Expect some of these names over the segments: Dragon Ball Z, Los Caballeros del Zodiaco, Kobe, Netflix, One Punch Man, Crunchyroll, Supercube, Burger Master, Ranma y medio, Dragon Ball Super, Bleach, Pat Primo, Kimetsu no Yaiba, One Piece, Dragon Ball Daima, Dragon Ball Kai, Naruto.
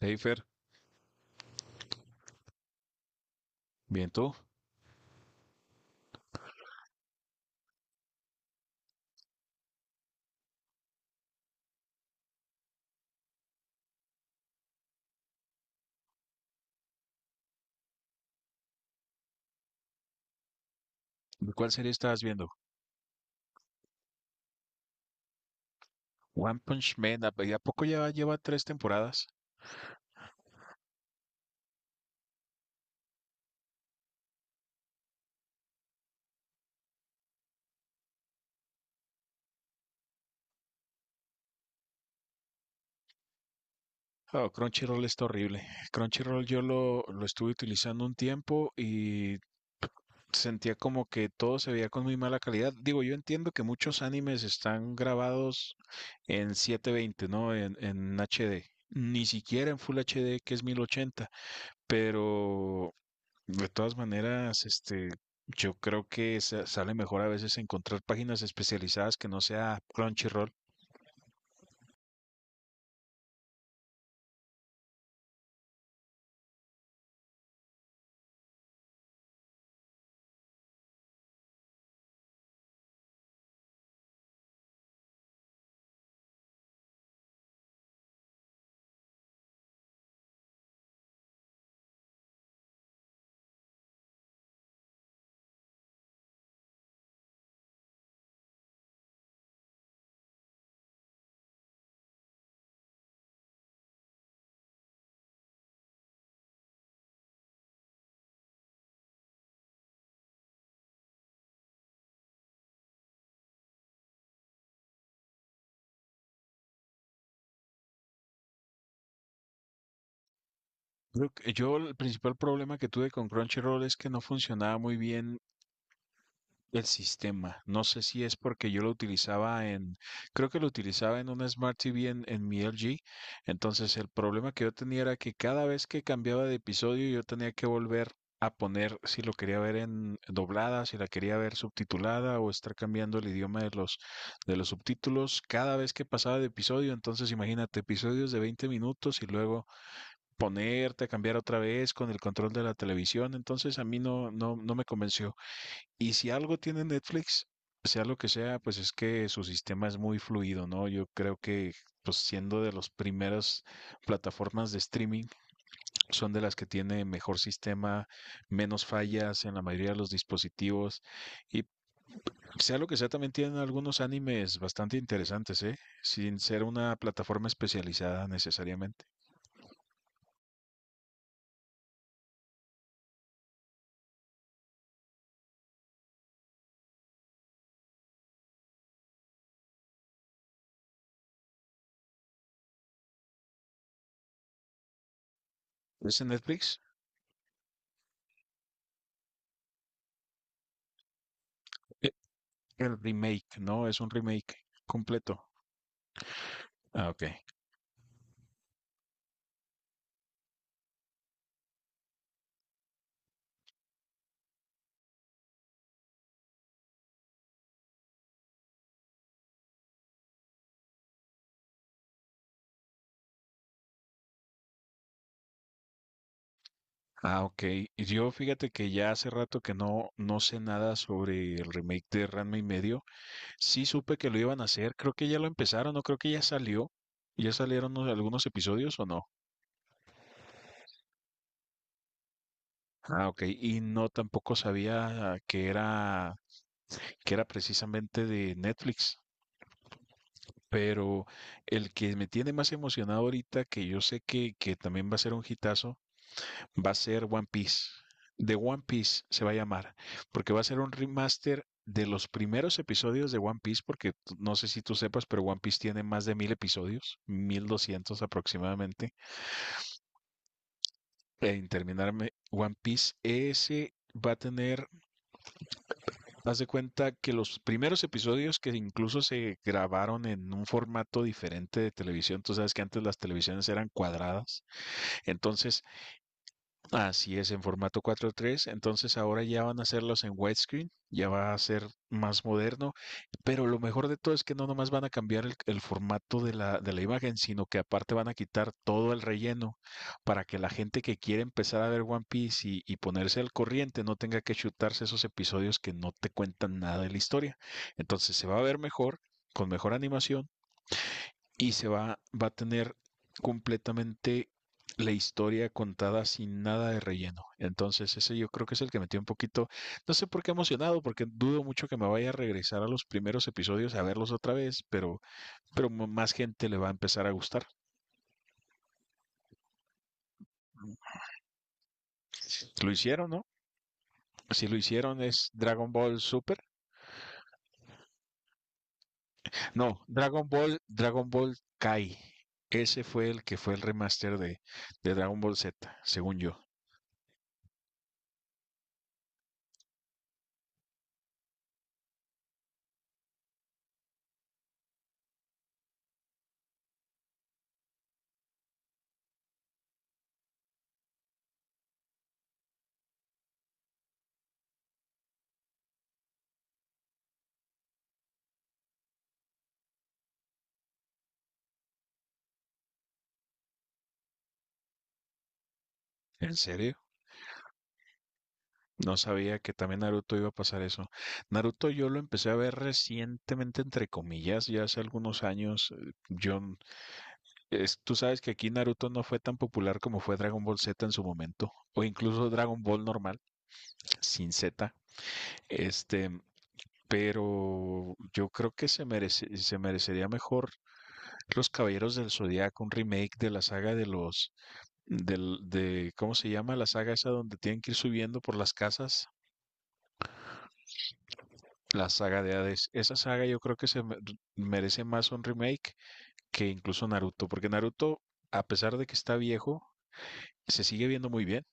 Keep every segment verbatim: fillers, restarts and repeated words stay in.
Hey, Fer, bien, ¿tú? ¿De ¿Cuál serie estabas viendo? One Punch Man, ¿a a poco ya lleva tres temporadas? Oh, Crunchyroll está horrible. Crunchyroll yo lo, lo estuve utilizando un tiempo y sentía como que todo se veía con muy mala calidad. Digo, yo entiendo que muchos animes están grabados en siete veinte, ¿no? En, en H D. Ni siquiera en Full H D, que es mil ochenta. Pero, de todas maneras, este, yo creo que sa- sale mejor a veces encontrar páginas especializadas que no sea Crunchyroll. Creo que- Yo, el principal problema que tuve con Crunchyroll es que no funcionaba muy bien el sistema. No sé si es porque yo lo utilizaba en, creo que lo utilizaba en una Smart T V en, en mi L G, entonces el problema que yo tenía era que cada vez que cambiaba de episodio yo tenía que volver a poner si lo quería ver en doblada, si la quería ver subtitulada o estar cambiando el idioma de los de los subtítulos cada vez que pasaba de episodio, entonces imagínate episodios de veinte minutos y luego ponerte a cambiar otra vez con el control de la televisión, entonces a mí no no no me convenció. Y si algo tiene Netflix, sea lo que sea, pues es que su sistema es muy fluido, ¿no? Yo creo que, pues siendo de las primeras plataformas de streaming, son de las que tiene mejor sistema, menos fallas en la mayoría de los dispositivos. Y sea lo que sea, también tienen algunos animes bastante interesantes, ¿eh? Sin ser una plataforma especializada necesariamente. ¿Es en Netflix? Eh, El remake, ¿no? Es un remake completo. Ah, ok. Ah, ok. Y Yo fíjate que ya hace rato que no, no sé nada sobre el remake de Ranma y medio. Sí supe que lo iban a hacer. Creo que ya lo empezaron, o creo que ya salió. ¿Ya salieron unos- algunos episodios o no? Ah, ok. Y no tampoco sabía que era, que era precisamente de Netflix. Pero el que me tiene más emocionado ahorita, que yo sé que, que también va a ser un hitazo, va a ser One Piece. The One Piece se va a llamar, porque va a ser un remaster de los primeros episodios de One Piece, porque no sé si tú sepas, pero One Piece tiene más de mil episodios, mil doscientos aproximadamente. e En terminarme One Piece, ese va a tener, haz de cuenta que los primeros episodios que incluso se grabaron en un formato diferente de televisión, tú sabes que antes las televisiones eran cuadradas, entonces así es, en formato cuatro tres, entonces ahora ya van a hacerlos en widescreen, ya va a ser más moderno, pero lo mejor de todo es que no nomás van a cambiar el, el formato de la, de la imagen, sino que aparte van a quitar todo el relleno para que la gente que quiere empezar a ver One Piece y, y ponerse al corriente no tenga que chutarse esos episodios que no te cuentan nada de la historia. Entonces se va a ver mejor, con mejor animación y se va, va a tener completamente la historia contada sin nada de relleno. Entonces, ese yo creo que es el que metió un poquito, no sé por qué emocionado, porque dudo mucho que me vaya a regresar a los primeros episodios a verlos otra vez, pero, pero m- más gente le va a empezar a gustar. Lo hicieron, ¿no? Si lo hicieron es Dragon Ball Super. No, Dragon Ball, Dragon Ball Kai. Ese fue el que fue el remaster de, de Dragon Ball Z, según yo. ¿En serio? No sabía que también Naruto iba a pasar eso. Naruto yo lo empecé a ver recientemente, entre comillas, ya hace algunos años. Eh, Yo, n- es- tú sabes que aquí Naruto no fue tan popular como fue Dragon Ball Z en su momento, o incluso Dragon Ball normal, sin Z. Este, pero yo creo que se merece, se merecería mejor Los Caballeros del Zodiaco, un remake de la saga de los, del, de, ¿cómo se llama? La saga esa donde tienen que ir subiendo por las casas. La saga de Hades. Esa saga yo creo que se me- merece más un remake que incluso Naruto, porque Naruto, a pesar de que está viejo, se sigue viendo muy bien.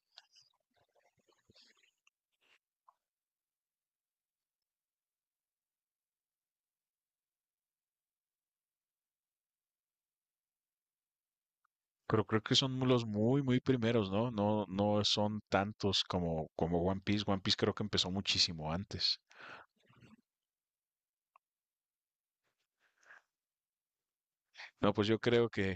Pero creo que son los muy, muy primeros, ¿no? No, no son tantos como, como One Piece. One Piece creo que empezó muchísimo antes. No, pues yo creo que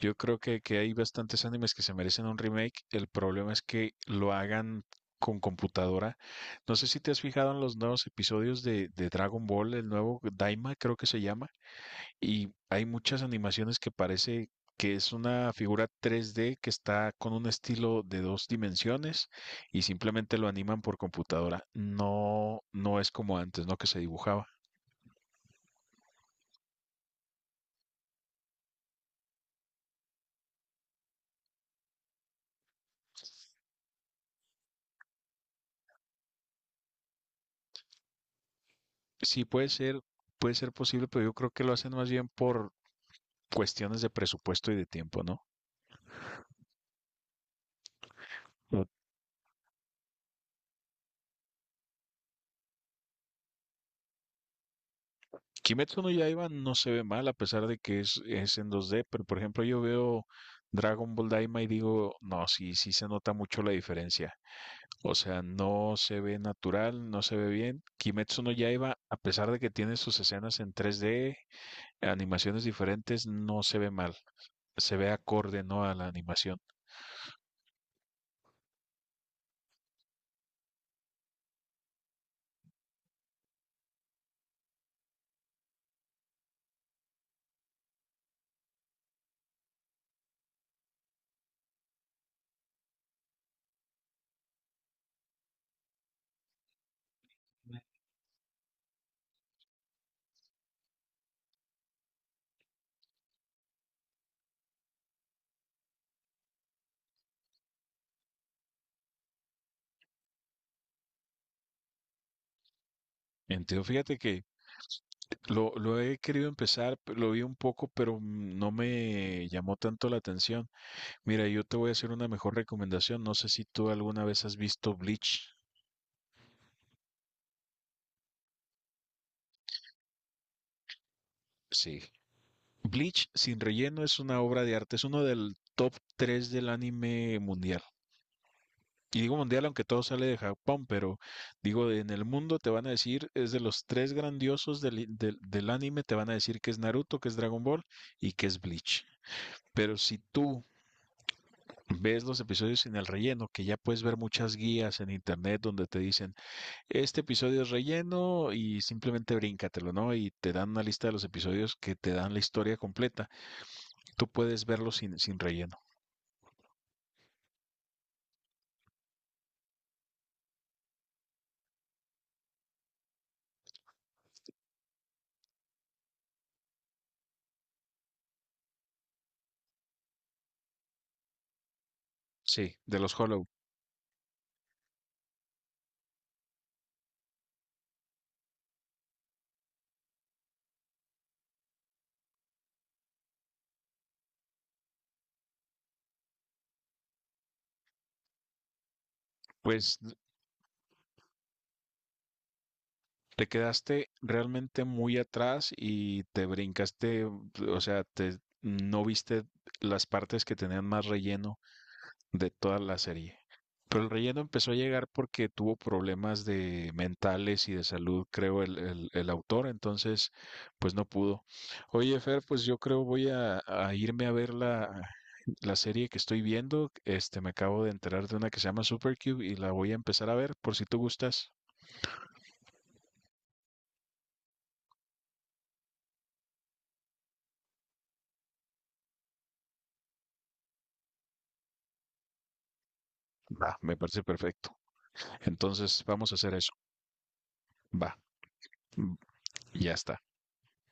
Yo creo que, que hay bastantes animes que se merecen un remake. El problema es que lo hagan con computadora. No sé si te has fijado en los nuevos episodios de, de Dragon Ball, el nuevo Daima creo que se llama, y hay muchas animaciones que parece que es una figura tres D que está con un estilo de dos dimensiones y simplemente lo animan por computadora. No, no es como antes, ¿no? Que se dibujaba. Sí, puede ser, puede ser posible, pero yo creo que lo hacen más bien por cuestiones de presupuesto y de tiempo, ¿no? Mm. Kimetsu no Yaiba no se ve mal a pesar de que es, es en dos D, pero por ejemplo yo veo Dragon Ball Daima y digo, no, sí, sí se nota mucho la diferencia. O sea, no se ve natural, no se ve bien. Kimetsu no Yaiba, a pesar de que tiene sus escenas en tres D, animaciones diferentes, no se ve mal. Se ve acorde, ¿no? A la animación. Entiendo, fíjate que lo, lo he querido empezar, lo vi un poco, pero no me llamó tanto la atención. Mira, yo te voy a hacer una mejor recomendación. No sé si tú alguna vez has visto Bleach. Sí. Bleach sin relleno es una obra de arte, es uno del top tres del anime mundial. Y digo mundial aunque todo sale de Japón, pero digo, en el mundo te van a decir, es de los tres grandiosos del, i- del, del anime, te van a decir que es Naruto, que es Dragon Ball y que es Bleach. Pero si tú ves los episodios sin el relleno, que ya puedes ver muchas guías en internet donde te dicen: este episodio es relleno y simplemente bríncatelo, ¿no? Y te dan una lista de los episodios que te dan la historia completa. Tú puedes verlo sin, sin relleno. Sí, de los Hollow. Pues te quedaste realmente muy atrás y te brincaste, o sea, te, no viste las partes que tenían más relleno de toda la serie. Pero el relleno empezó a llegar porque tuvo problemas de mentales y de salud, creo, el, el- el autor. Entonces pues no pudo. Oye, Fer, pues yo creo voy a, a irme a ver la, la serie que estoy viendo. Este, me acabo de enterar de una que se llama Supercube y la voy a empezar a ver por si tú gustas. Va, me parece perfecto. Entonces vamos a hacer eso. Va, mm, ya está.